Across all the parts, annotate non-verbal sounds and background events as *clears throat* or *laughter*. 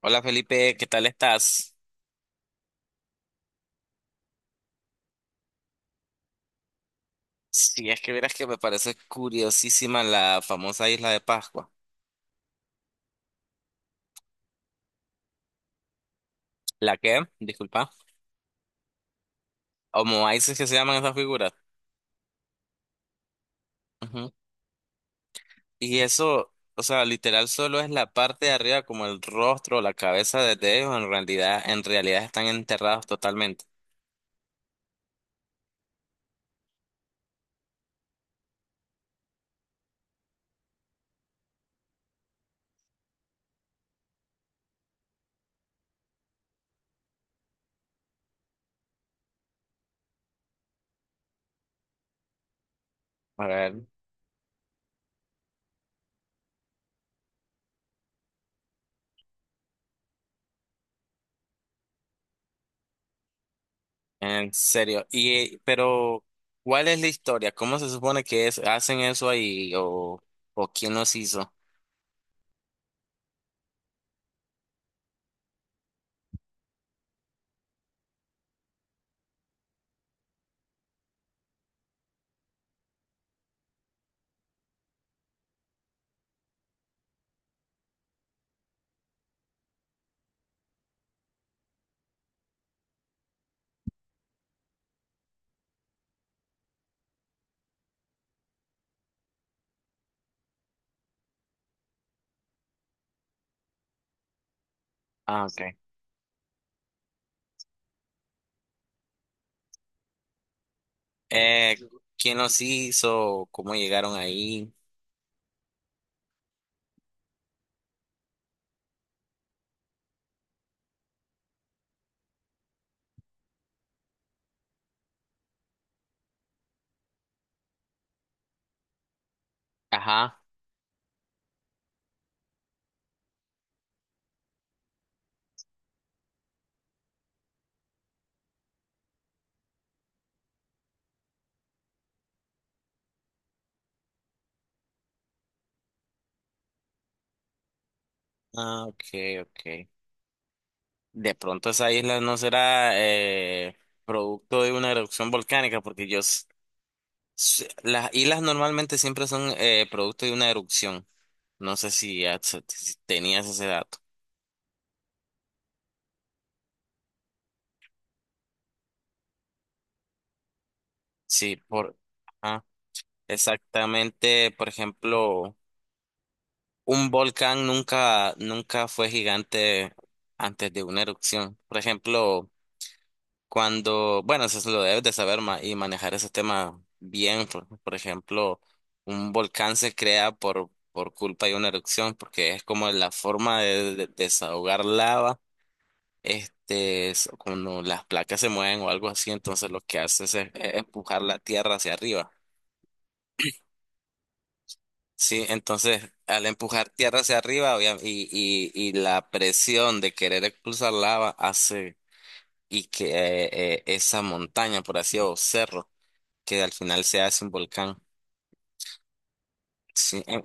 Hola Felipe, ¿qué tal estás? Si es que verás que me parece curiosísima la famosa isla de Pascua. ¿La qué? Disculpa. Moais que se llaman esas figuras. Ujú. Y eso, o sea, literal solo es la parte de arriba, como el rostro o la cabeza de ellos, en realidad, están enterrados totalmente. A ver, en serio. ¿Cuál es la historia? ¿Cómo se supone que es, hacen eso ahí o, quién los hizo? Ah, ok. Eh, ¿Quién los hizo? ¿Cómo llegaron ahí? Ajá. Ah, ok, ok. De pronto esa isla no será producto de una erupción volcánica, porque las islas normalmente siempre son producto de una erupción. No sé si, si tenías ese dato. Sí, por ajá. Exactamente, por ejemplo, un volcán nunca, nunca fue gigante antes de una erupción. Por ejemplo, cuando, bueno, eso se lo debes de saber y manejar ese tema bien. Por ejemplo, un volcán se crea por culpa de una erupción, porque es como la forma de, desahogar lava, este, es cuando las placas se mueven o algo así, entonces lo que hace es empujar la tierra hacia arriba. Sí, entonces al empujar tierra hacia arriba y la presión de querer expulsar lava hace y que esa montaña, por así decirlo, que al final se hace un volcán. Sí,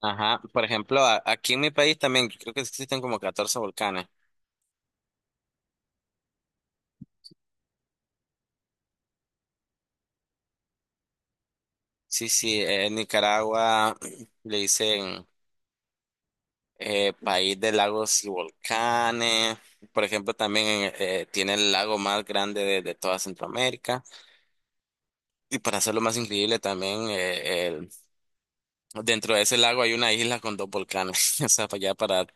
ajá. Por ejemplo, aquí en mi país también creo que existen como 14 volcanes. Sí, sí, en Nicaragua *clears throat* le dicen país de lagos y volcanes. Por ejemplo, también tiene el lago más grande de toda Centroamérica. Y para hacerlo más increíble, también dentro de ese lago hay una isla con dos volcanes. *laughs* O sea, para allá,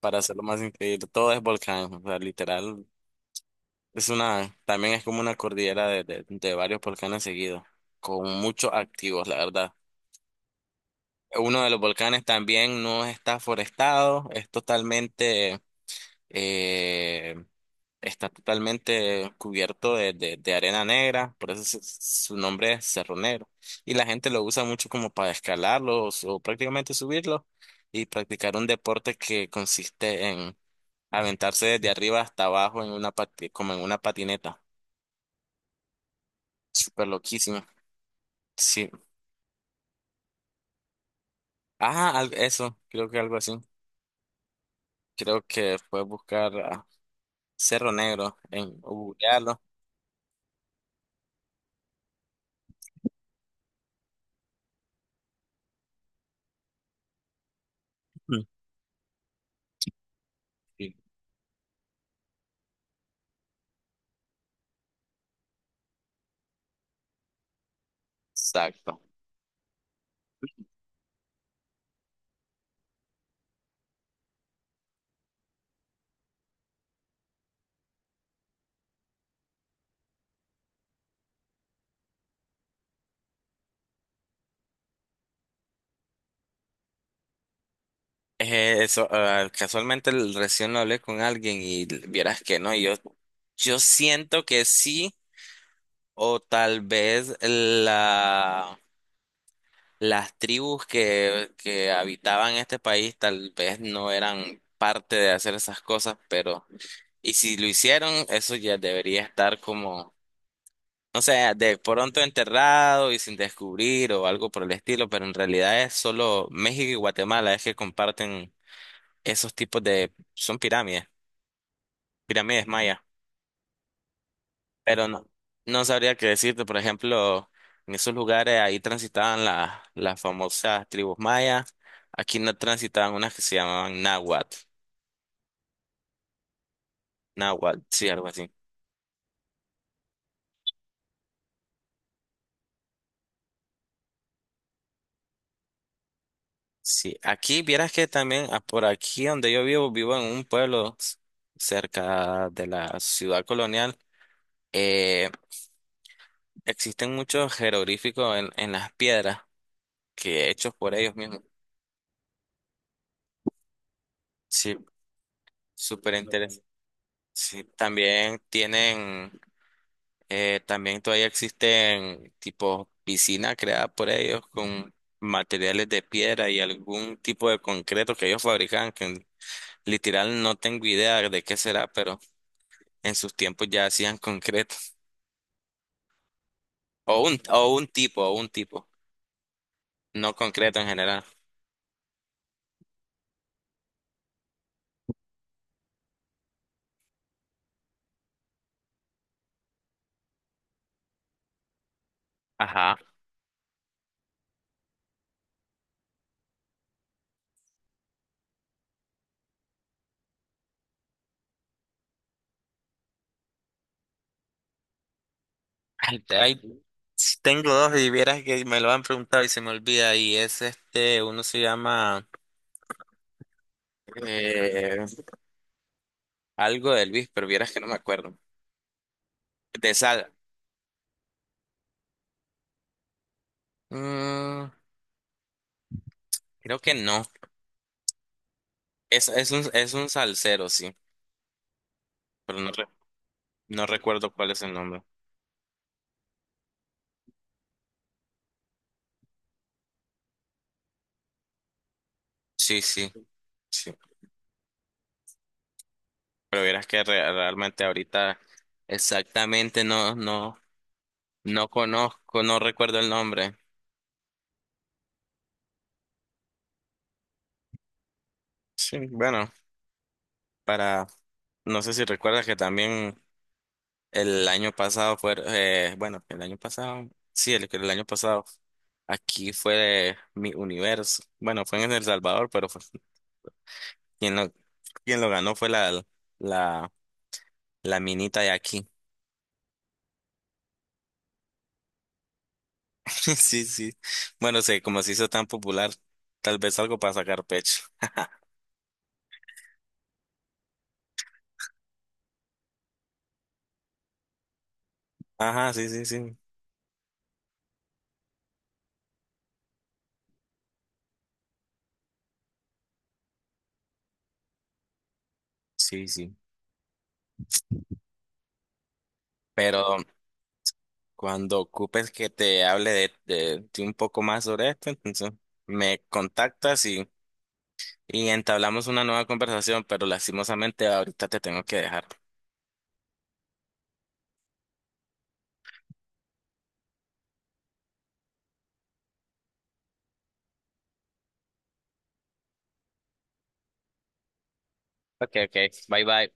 para hacerlo más increíble, todo es volcán. O sea, literal, es una, también es como una cordillera de varios volcanes seguidos, con muchos activos, la verdad. Uno de los volcanes también no está forestado, es totalmente, eh, está totalmente cubierto de arena negra, por eso su nombre es Cerro Negro. Y la gente lo usa mucho como para escalarlos o prácticamente subirlos y practicar un deporte que consiste en aventarse desde arriba hasta abajo en una como en una patineta. Súper loquísimo. Sí. Ajá, eso, creo que algo así. Creo que fue buscar a Cerro Negro en googlearlo. Mm. Sí, exacto. Eso, ah, casualmente recién lo hablé con alguien y vieras que no, yo siento que sí, o tal vez la, las tribus que habitaban este país tal vez no eran parte de hacer esas cosas, pero, y si lo hicieron, eso ya debería estar como. O sea, de pronto enterrado y sin descubrir o algo por el estilo, pero en realidad es solo México y Guatemala es que comparten esos tipos de, son pirámides, pirámides mayas, pero no, no sabría qué decirte. Por ejemplo, en esos lugares ahí transitaban las famosas tribus mayas, aquí no transitaban unas que se llamaban náhuatl, náhuatl, sí, algo así. Sí, aquí vieras que también ah, por aquí donde yo vivo, vivo en un pueblo cerca de la ciudad colonial. Eh, Existen muchos jeroglíficos en las piedras que hechos por ellos mismos. Sí, súper interesante. Sí, también tienen, también todavía existen tipo piscina creada por ellos con materiales de piedra y algún tipo de concreto que ellos fabricaban, que literal no tengo idea de qué será, pero en sus tiempos ya hacían concreto. O un tipo, no concreto en general. Ajá. Ay, ay, sí, tengo dos y vieras que me lo han preguntado y se me olvida y es este, uno se llama eh, algo de Luis, pero vieras que no me acuerdo. De sal. Mm, creo que no. Es un salsero, sí, pero no, no recuerdo cuál es el nombre. Sí, sí, sí. Pero vieras que realmente ahorita exactamente no, no, no conozco, no recuerdo el nombre. Sí, bueno, para, no sé si recuerdas que también el año pasado fue, bueno, el año pasado, sí, el año pasado, aquí fue mi universo. Bueno, fue en El Salvador, pero quien lo, quien lo ganó fue la, la, la minita de aquí. *laughs* Sí, sí. Bueno, sé, como se hizo tan popular, tal vez algo para sacar pecho. Ajá, sí, sí, sí. Sí, sí. Pero cuando ocupes que te hable de un poco más sobre esto, entonces me contactas y entablamos una nueva conversación, pero lastimosamente ahorita te tengo que dejar. Ok, ok, bye bye.